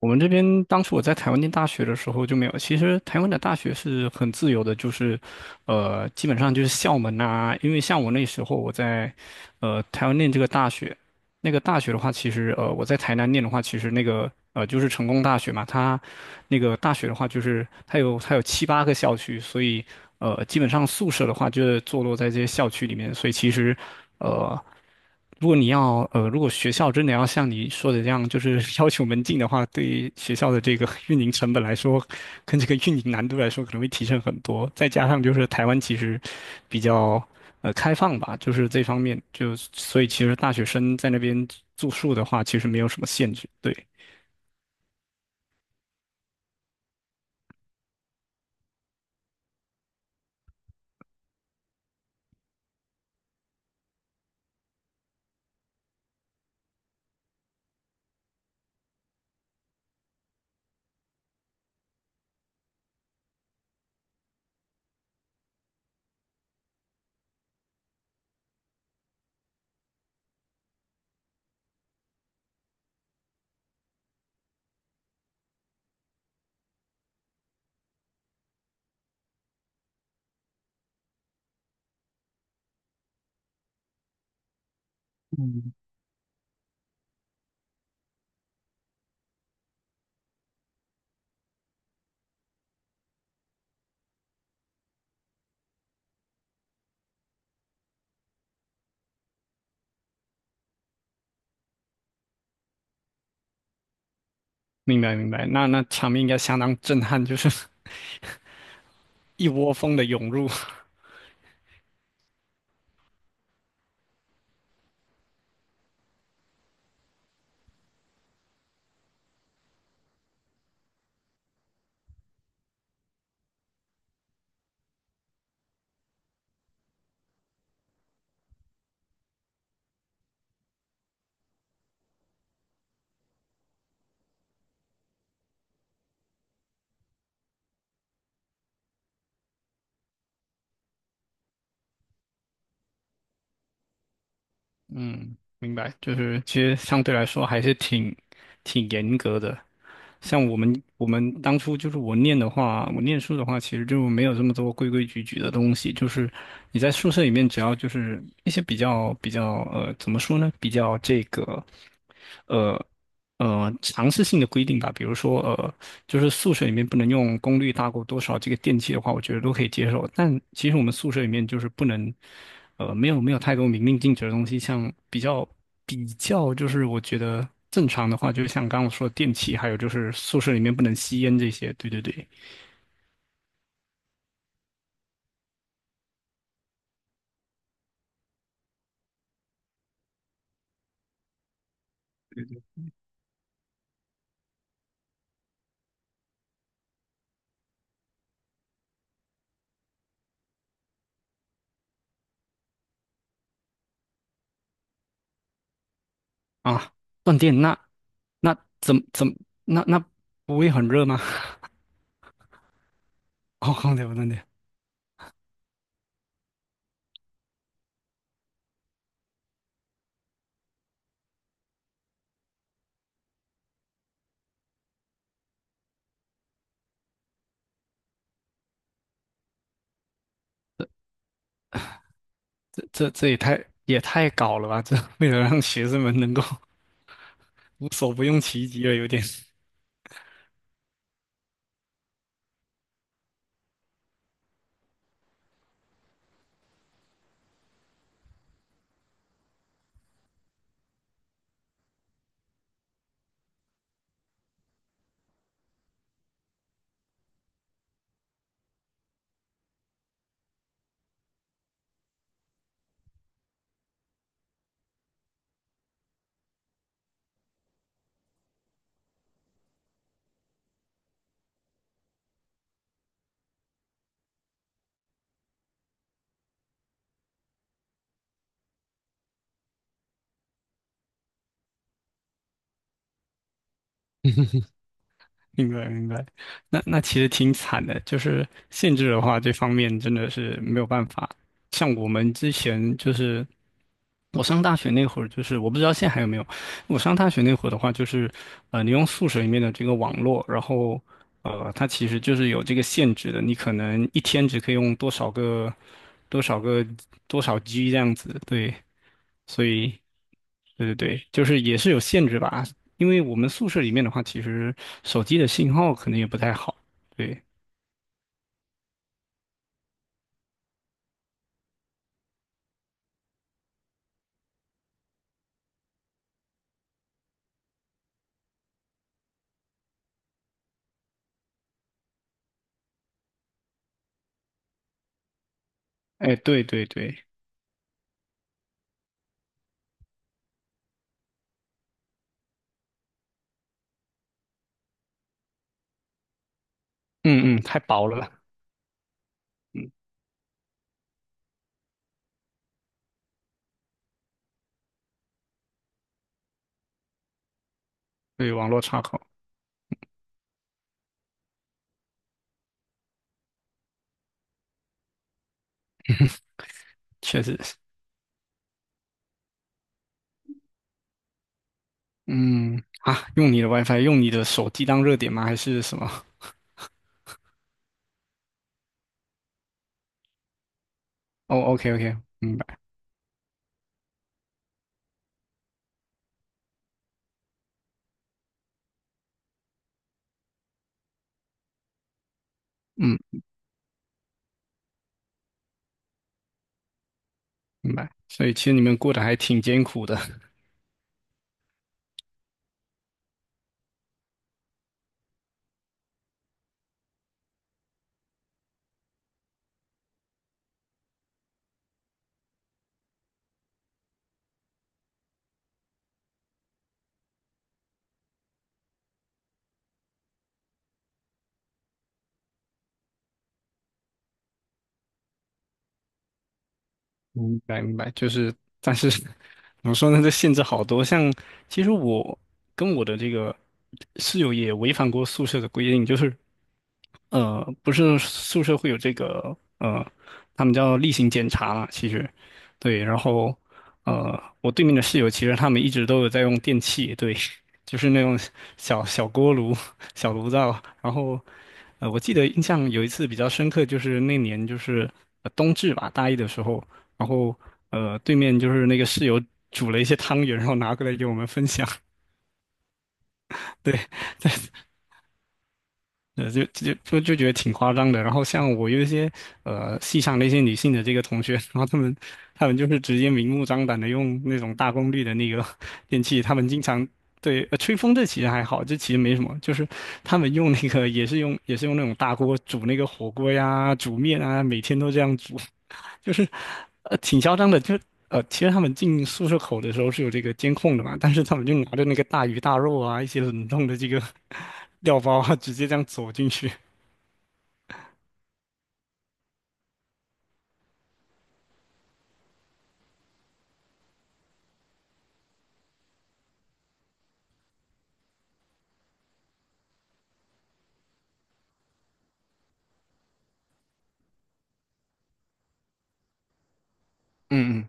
我们这边当初我在台湾念大学的时候就没有。其实台湾的大学是很自由的，就是，基本上就是校门啊。因为像我那时候我在，台湾念这个大学，那个大学的话，其实我在台南念的话，其实那个就是成功大学嘛，它那个大学的话，就是它有7、8个校区，所以基本上宿舍的话就是坐落在这些校区里面，所以其实呃如果学校真的要像你说的这样，就是 要求门禁的话，对于学校的这个 运营成本来说，跟这个运营难度来说可能会提升很多，再加上就是台湾其实比较，开放吧，就是这方面，就所以其实大学生在那边住宿的话，其实没有什么限制。对，明白明白，那场面应该相当震撼，就是 一窝蜂的涌入。嗯，明白，就是其实相对来说还是挺严格的。像我们当初就是我念书的话，其实就没有这么多规规矩矩的东西。就是你在宿舍里面，只要就是一些比较，怎么说呢？比较这个呃尝试性的规定吧。比如说就是宿舍里面不能用功率大过多少这个电器的话，我觉得都可以接受。但其实我们宿舍里面就是不能呃没有没有太多明令禁止的东西，像比较。比较就是我觉得正常的话，就是像刚刚我说的电器，还有就是宿舍里面不能吸烟这些。对对对，啊，断电那怎么那不会很热吗？哦，空调断电，这也太搞了吧！这 为了让学生们能够 无所不用其极了，有点。明白明白，那其实挺惨的，就是限制的话，这方面真的是没有办法。像我们之前就是。我上大学那会儿，就是我不知道现在还有没有。我上大学那会儿的话，就是你用宿舍里面的这个网络，然后它其实就是有这个限制的，你可能一天只可以用多少个、多少 G 这样子。对，所以对对对，就是也是有限制吧。因为我们宿舍里面的话，其实手机的信号可能也不太好。对，哎，对对对，嗯嗯，太薄了，嗯，对，网络插口确实。是。嗯，啊，用你的 WiFi，用你的手机当热点吗？还是什么？哦，OK OK，明白，嗯，明白。所以其实你们过得还挺艰苦的。明白明白，就是，但是 怎么说呢？这限制好多。像其实我跟我的这个室友也违反过宿舍的规定，就是不是宿舍会有这个，他们叫例行检查啦，其实对。然后我对面的室友其实他们一直都有在用电器，对，就是那种小小锅炉、小炉灶。然后我记得印象有一次比较深刻，就是那年就是、冬至吧，大一的时候。然后对面就是那个室友煮了一些汤圆，然后拿过来给我们分享。对，就觉得挺夸张的。然后像我有一些戏上的一些女性的这个同学，然后她们就是直接明目张胆的用那种大功率的那个 电器，她们经常。对，吹风这其实还好，这其实没什么，就是他们用那个也是用那种大锅煮那个火锅呀、煮面啊，每天都这样煮。就是挺嚣张的，就其实他们进宿舍口的时候是有这个监控的嘛，但是他们就拿着那个大鱼大肉啊，一些冷冻的这个 料包啊，直接这样走进去。嗯嗯。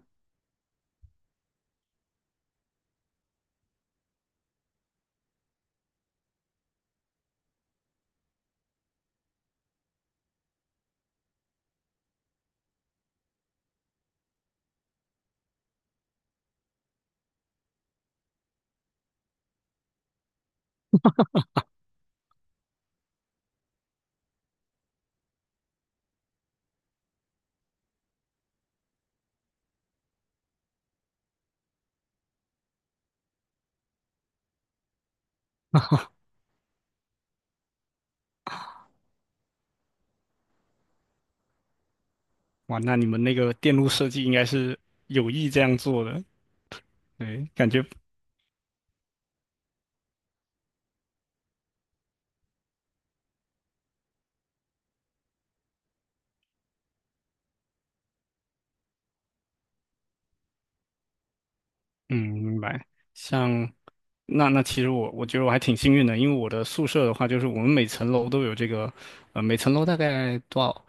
哇，那你们那个电路设计应该是有意这样做的，对，感觉嗯，明白。像那其实我觉得我还挺幸运的，因为我的宿舍的话，就是我们每层楼都有这个，每层楼大概多少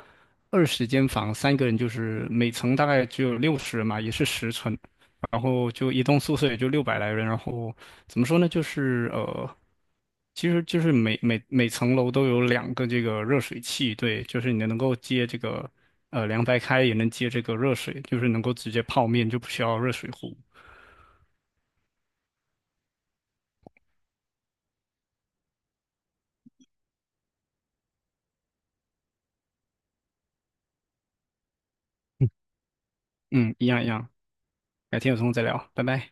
20间房，3个人就是每层大概只有60人嘛，也是10层，然后就一栋宿舍也就600来人，然后怎么说呢，就是。其实就是每层楼都有2个这个热水器，对，就是你能够接这个凉白开，也能接这个热水，就是能够直接泡面，就不需要热水壶。嗯，一样一样，改天有空再聊，拜拜。